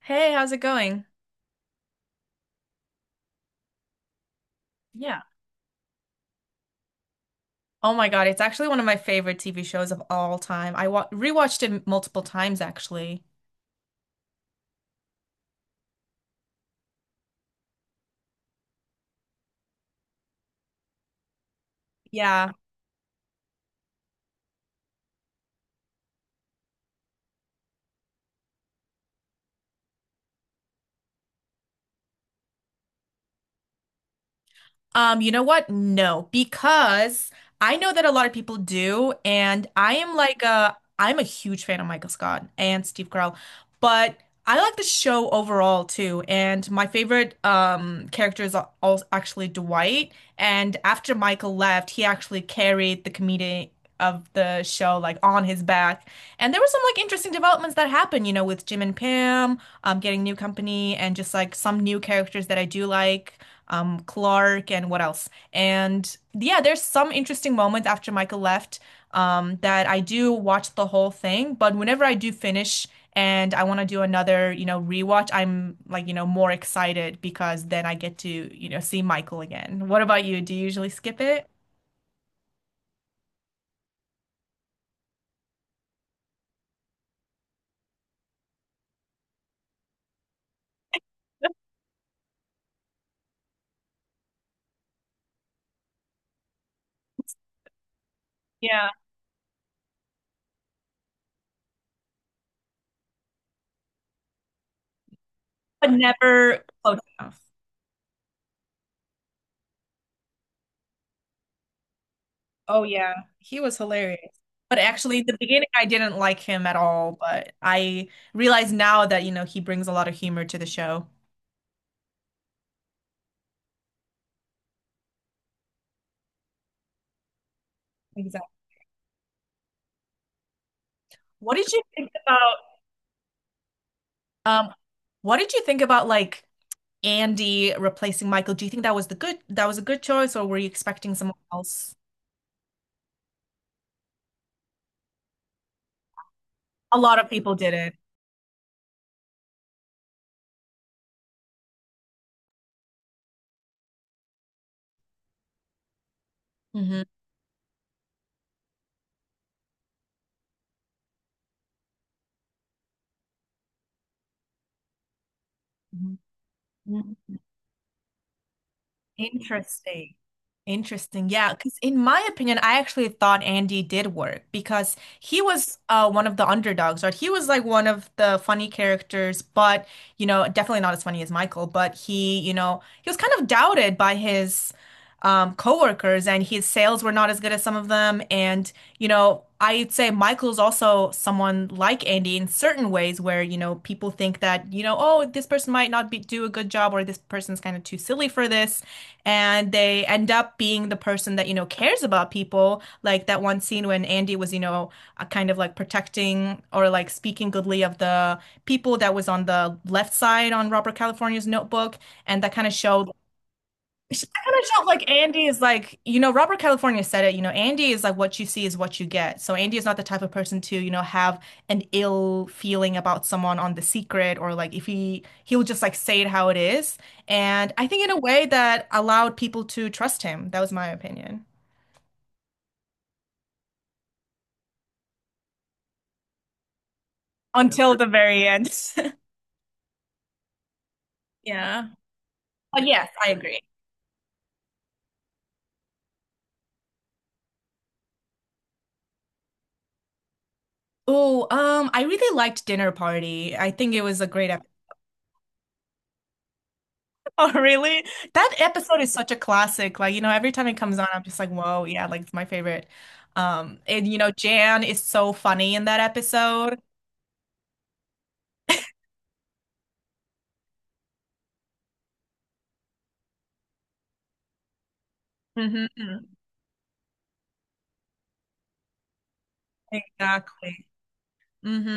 Hey, how's it going? Yeah. Oh my God, it's actually one of my favorite TV shows of all time. I wa rewatched it multiple times, actually. Yeah. You know what? No, because I know that a lot of people do, and I am like a I'm a huge fan of Michael Scott and Steve Carell, but I like the show overall too. And my favorite character is also actually Dwight. And after Michael left, he actually carried the comedian of the show like on his back. And there were some like interesting developments that happened, you know, with Jim and Pam, getting new company and just like some new characters that I do like, Clark. And what else? And yeah, there's some interesting moments after Michael left, that I do watch the whole thing. But whenever I do finish and I want to do another, you know, rewatch, I'm like, you know, more excited because then I get to, you know, see Michael again. What about you? Do you usually skip it? Yeah. But never close enough. Oh yeah. He was hilarious. But actually, the beginning, I didn't like him at all, but I realize now that, you know, he brings a lot of humor to the show. Exactly. What did you think about um what did you think about like Andy replacing Michael? Do you think that was the good that was a good choice, or were you expecting someone else? A lot of people did it. hmm Interesting. Interesting. Yeah, because in my opinion, I actually thought Andy did work because he was one of the underdogs, right? He was like one of the funny characters, but, you know, definitely not as funny as Michael. But he, you know, he was kind of doubted by his, coworkers, and his sales were not as good as some of them. And, you know, I'd say Michael's also someone like Andy in certain ways where, you know, people think that, you know, oh, this person might not be do a good job, or this person's kind of too silly for this, and they end up being the person that, you know, cares about people. Like that one scene when Andy was, you know, kind of like protecting or like speaking goodly of the people that was on the left side on Robert California's notebook. And that kind of showed, I kind of felt like Andy is like, you know, Robert California said it, you know, Andy is like what you see is what you get. So Andy is not the type of person to, you know, have an ill feeling about someone on The Secret, or like if he he'll just like say it how it is. And I think in a way that allowed people to trust him. That was my opinion. Until the very end. Yeah. But yes, I agree. Oh, I really liked Dinner Party. I think it was a great episode. Oh, really? That episode is such a classic. Like, you know, every time it comes on, I'm just like, whoa, yeah, like it's my favorite. And you know, Jan is so funny in that episode. hmm Exactly. hmm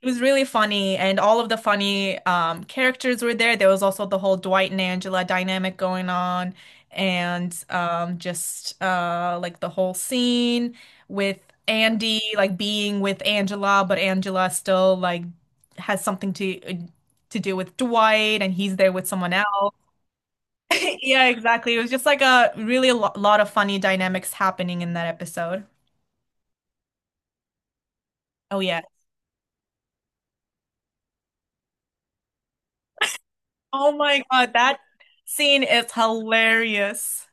It was really funny, and all of the funny, characters were there. There was also the whole Dwight and Angela dynamic going on, and just like the whole scene with Andy like being with Angela, but Angela still like has something to, to do with Dwight, and he's there with someone else. Yeah, exactly. It was just like a really lot of funny dynamics happening in that episode. Oh yeah. Oh my God, that scene is hilarious.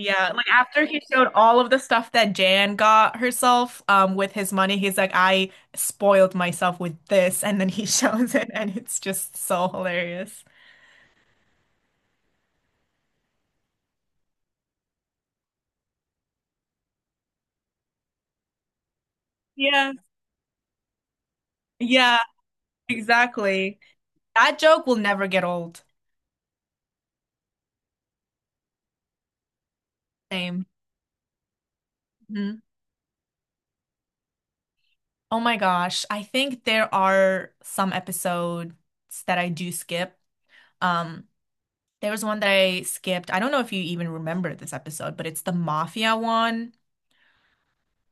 Yeah, like after he showed all of the stuff that Jan got herself, with his money, he's like, I spoiled myself with this, and then he shows it, and it's just so hilarious. Yeah. Yeah, exactly. That joke will never get old. Same. Mhm. Oh my gosh. I think there are some episodes that I do skip. Um, there was one that I skipped. I don't know if you even remember this episode, but it's the mafia one.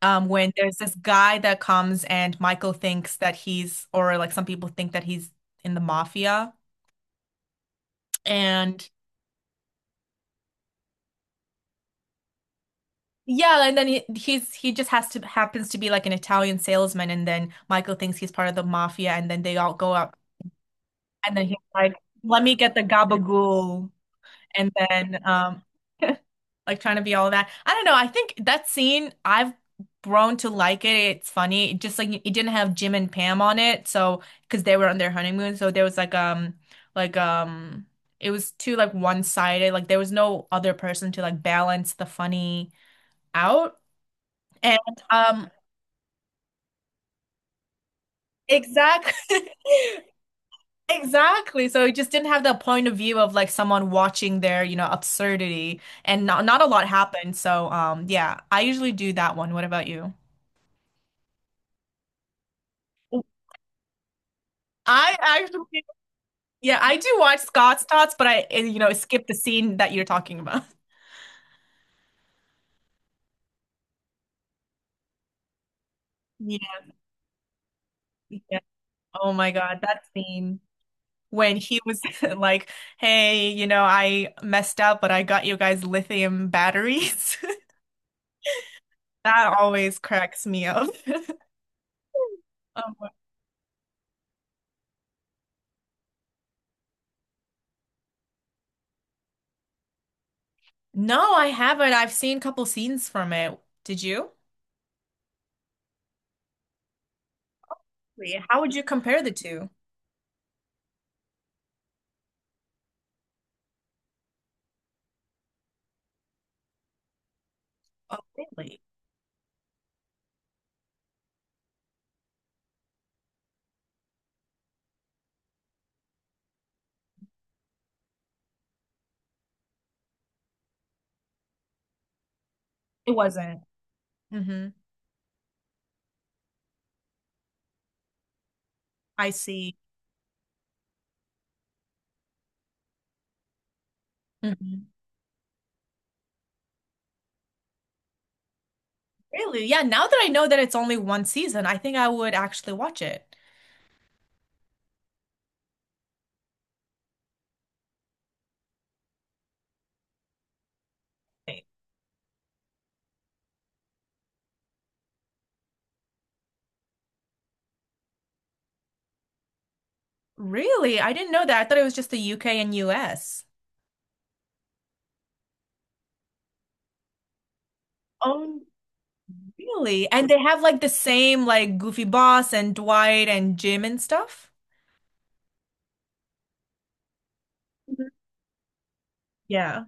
When there's this guy that comes and Michael thinks that he's, or like some people think that he's in the mafia. And Yeah, and then he just has to happens to be like an Italian salesman, and then Michael thinks he's part of the mafia, and then they all go up, and then he's like, "Let me get the gabagool," and then like trying to be all of that. I don't know. I think that scene, I've grown to like it. It's funny. It just like it didn't have Jim and Pam on it, so because they were on their honeymoon. So there was like like um it was too like one-sided. Like there was no other person to like balance the funny out. And um exactly. Exactly. So it just didn't have the point of view of like someone watching their, you know, absurdity, and not a lot happened. So yeah, I usually do that one. What about you? I actually, yeah, I do watch Scott's Tots, but I, eh, you know, skip the scene that you're talking about. Yeah, yeah. Oh my God, that scene when he was like, "Hey, you know, I messed up, but I got you guys lithium batteries." That always cracks me up. Um, no, I haven't. I've seen a couple scenes from it. Did you? Wait, how would you compare the two? Oh, really? It wasn't. hmm I see. Mm-hmm. Really? Yeah, now that I know that it's only one season, I think I would actually watch it. Right. Really? I didn't know that. I thought it was just the UK and US. Oh, really? And they have like the same like Goofy Boss and Dwight and Jim and stuff? Mhm. Yeah.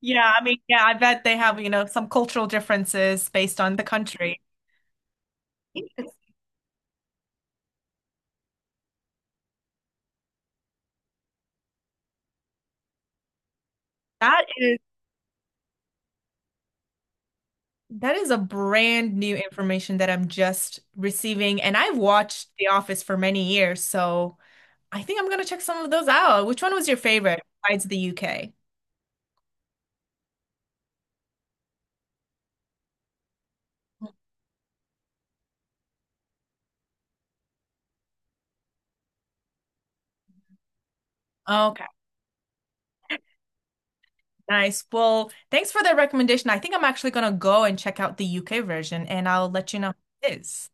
Yeah, I mean, yeah, I bet they have, you know, some cultural differences based on the country. Interesting. That is that is a brand new information that I'm just receiving, and I've watched The Office for many years, so I think I'm gonna check some of those out. Which one was your favorite besides the UK? Okay, nice. Well, thanks for the recommendation. I think I'm actually gonna go and check out the UK version, and I'll let you know how it is.